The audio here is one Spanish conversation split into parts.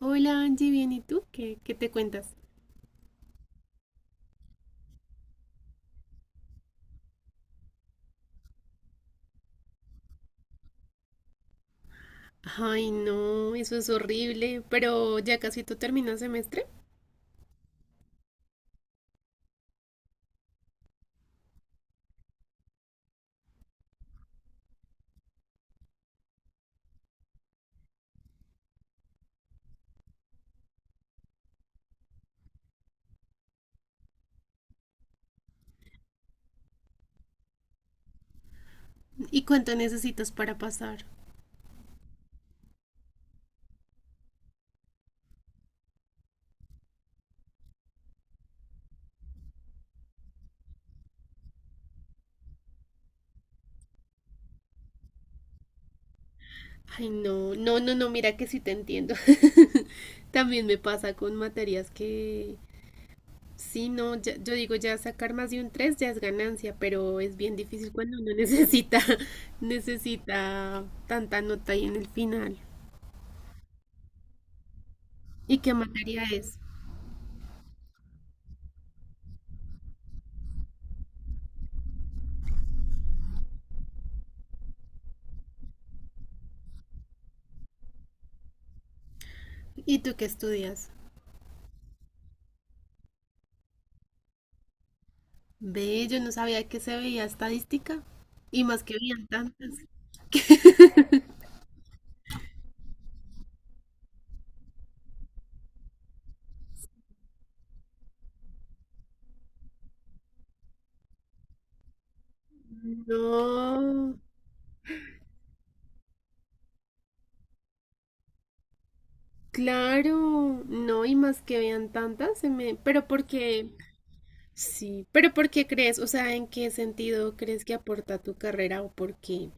Hola Angie, bien, ¿y tú? ¿¿Qué te cuentas? Ay, no, eso es horrible, pero ya casi tú terminas semestre. ¿Y cuánto necesitas para pasar? Ay, no, no, no, no, mira que sí te entiendo. También me pasa con materias que, sí, no, yo digo, ya sacar más de un 3 ya es ganancia, pero es bien difícil cuando uno necesita tanta nota ahí en el final. ¿Y qué materia es? ¿Y tú qué estudias? Ve, yo no sabía que se veía estadística. Y más que veían tantas. No, claro, no, y más que vean tantas, se me... Pero porque, sí, pero ¿por qué crees? O sea, ¿en qué sentido crees que aporta tu carrera o por qué?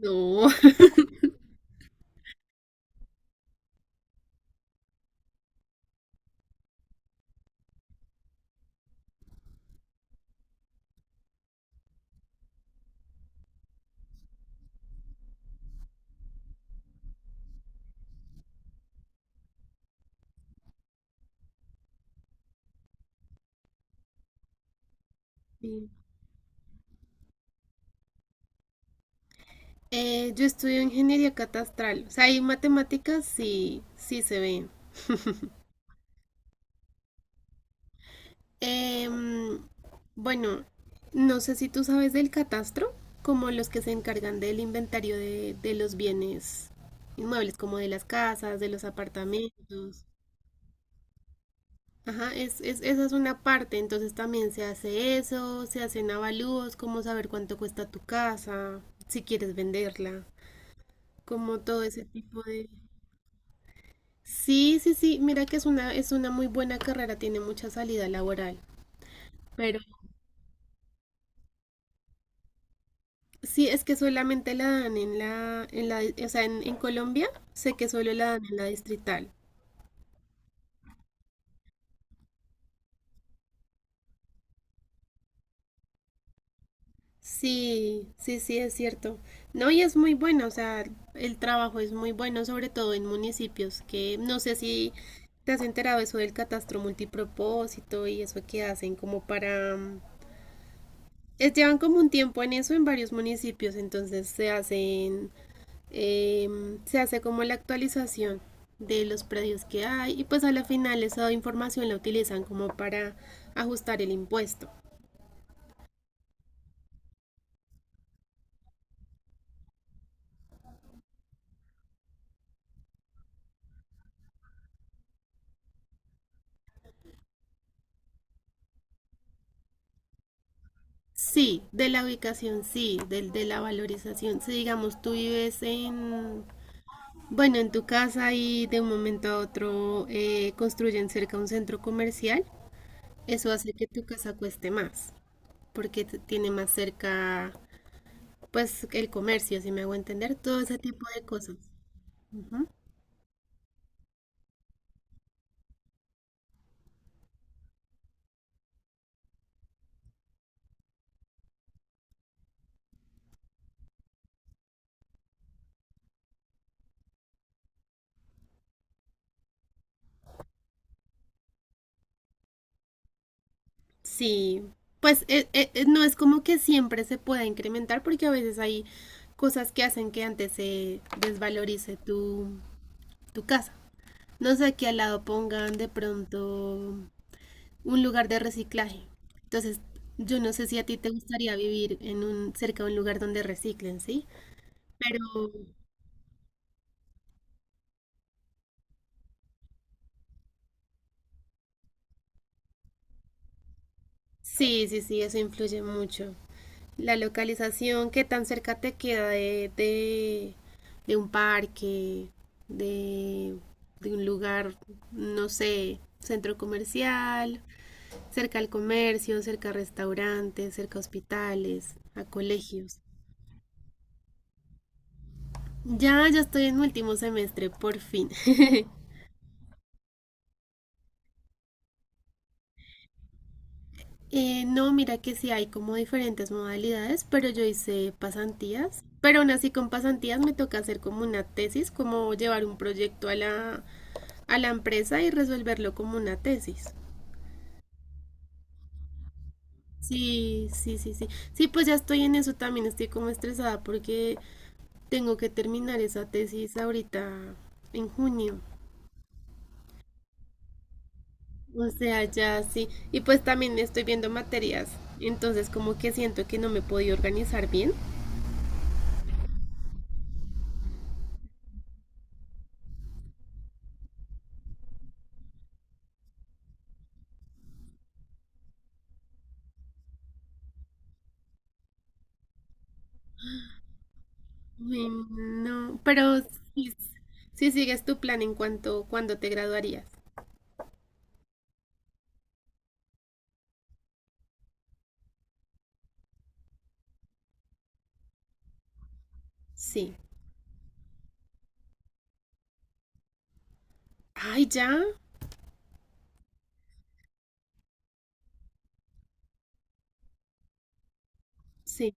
No. Sí. Yo estudio ingeniería catastral. O sea, hay matemáticas, sí, sí se ven. Em, bueno, no sé si tú sabes del catastro, como los que se encargan del inventario de los bienes inmuebles, como de las casas, de los apartamentos. Ajá, esa es una parte, entonces también se hace eso, se hacen avalúos, como saber cuánto cuesta tu casa, si quieres venderla, como todo ese tipo de... Sí, sí, sí, mira que es una muy buena carrera, tiene mucha salida laboral. Pero sí, es que solamente la dan o sea, en Colombia sé que solo la dan en la distrital. Sí, sí, sí, es cierto. No, y es muy bueno, o sea, el trabajo es muy bueno, sobre todo en municipios que no sé si te has enterado eso del catastro multipropósito y eso que hacen como para... es, llevan como un tiempo en eso en varios municipios, entonces se hacen se hace como la actualización de los predios que hay y pues a la final esa información la utilizan como para ajustar el impuesto. Sí, de la ubicación sí, del de la valorización. Si digamos tú vives en, bueno, en tu casa y de un momento a otro construyen cerca un centro comercial, eso hace que tu casa cueste más, porque tiene más cerca pues el comercio, si me hago entender, todo ese tipo de cosas. Ujú. Sí, pues no es como que siempre se pueda incrementar porque a veces hay cosas que hacen que antes se desvalorice tu casa. No sé, que al lado pongan de pronto un lugar de reciclaje. Entonces, yo no sé si a ti te gustaría vivir en un, cerca de un lugar donde reciclen, ¿sí? Pero sí, sí, sí, eso influye mucho. La localización, qué tan cerca te queda de un parque, de, de un lugar, no sé, centro comercial, cerca al comercio, cerca a restaurantes, cerca a hospitales, a colegios. Ya, ya estoy en mi último semestre, por fin. No, mira que sí hay como diferentes modalidades, pero yo hice pasantías. Pero aún así con pasantías me toca hacer como una tesis, como llevar un proyecto a la empresa y resolverlo como una tesis. Sí, sí, sí, sí. Sí, pues ya estoy en eso también, estoy como estresada porque tengo que terminar esa tesis ahorita en junio. O sea, ya sí. Y pues también estoy viendo materias, entonces como que siento que no me he podido organizar bien. Uy, no, pero sí, sí sigues tu plan en cuanto cuando te graduarías. Sí. Ay, ya. Sí,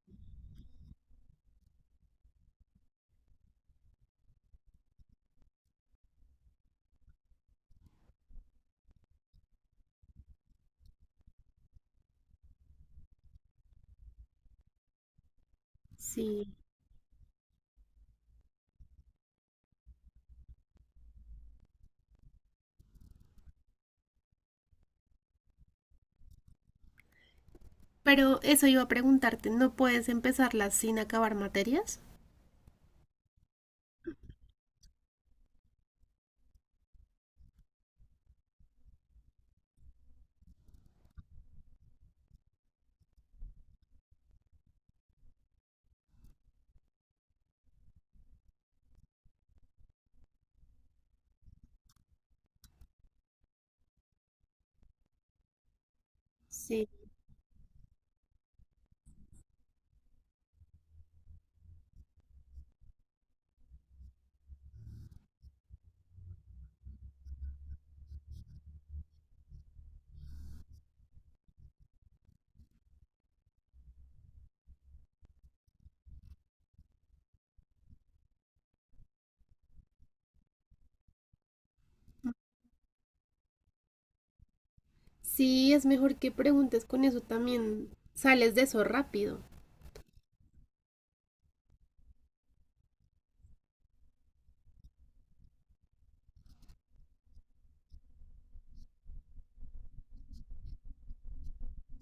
sí. Pero eso iba a preguntarte, ¿no puedes empezarlas sin acabar materias? Sí, sí, es mejor que preguntes con eso también. Sales de eso rápido.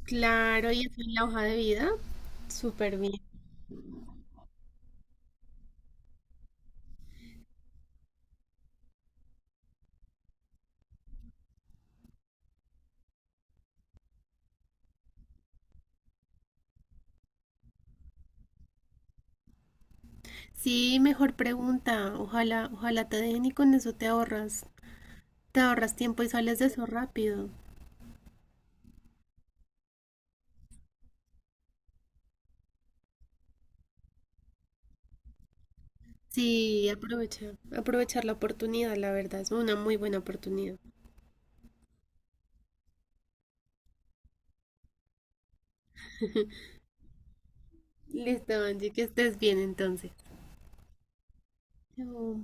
Claro, y eso en la hoja de vida. Súper bien. Sí, mejor pregunta. Ojalá, ojalá te dejen y con eso te ahorras. Te ahorras tiempo y sales de eso rápido. Sí, aprovecha. Aprovechar la oportunidad, la verdad. Es una muy buena oportunidad. Listo, Angie, que estés bien entonces. Chao.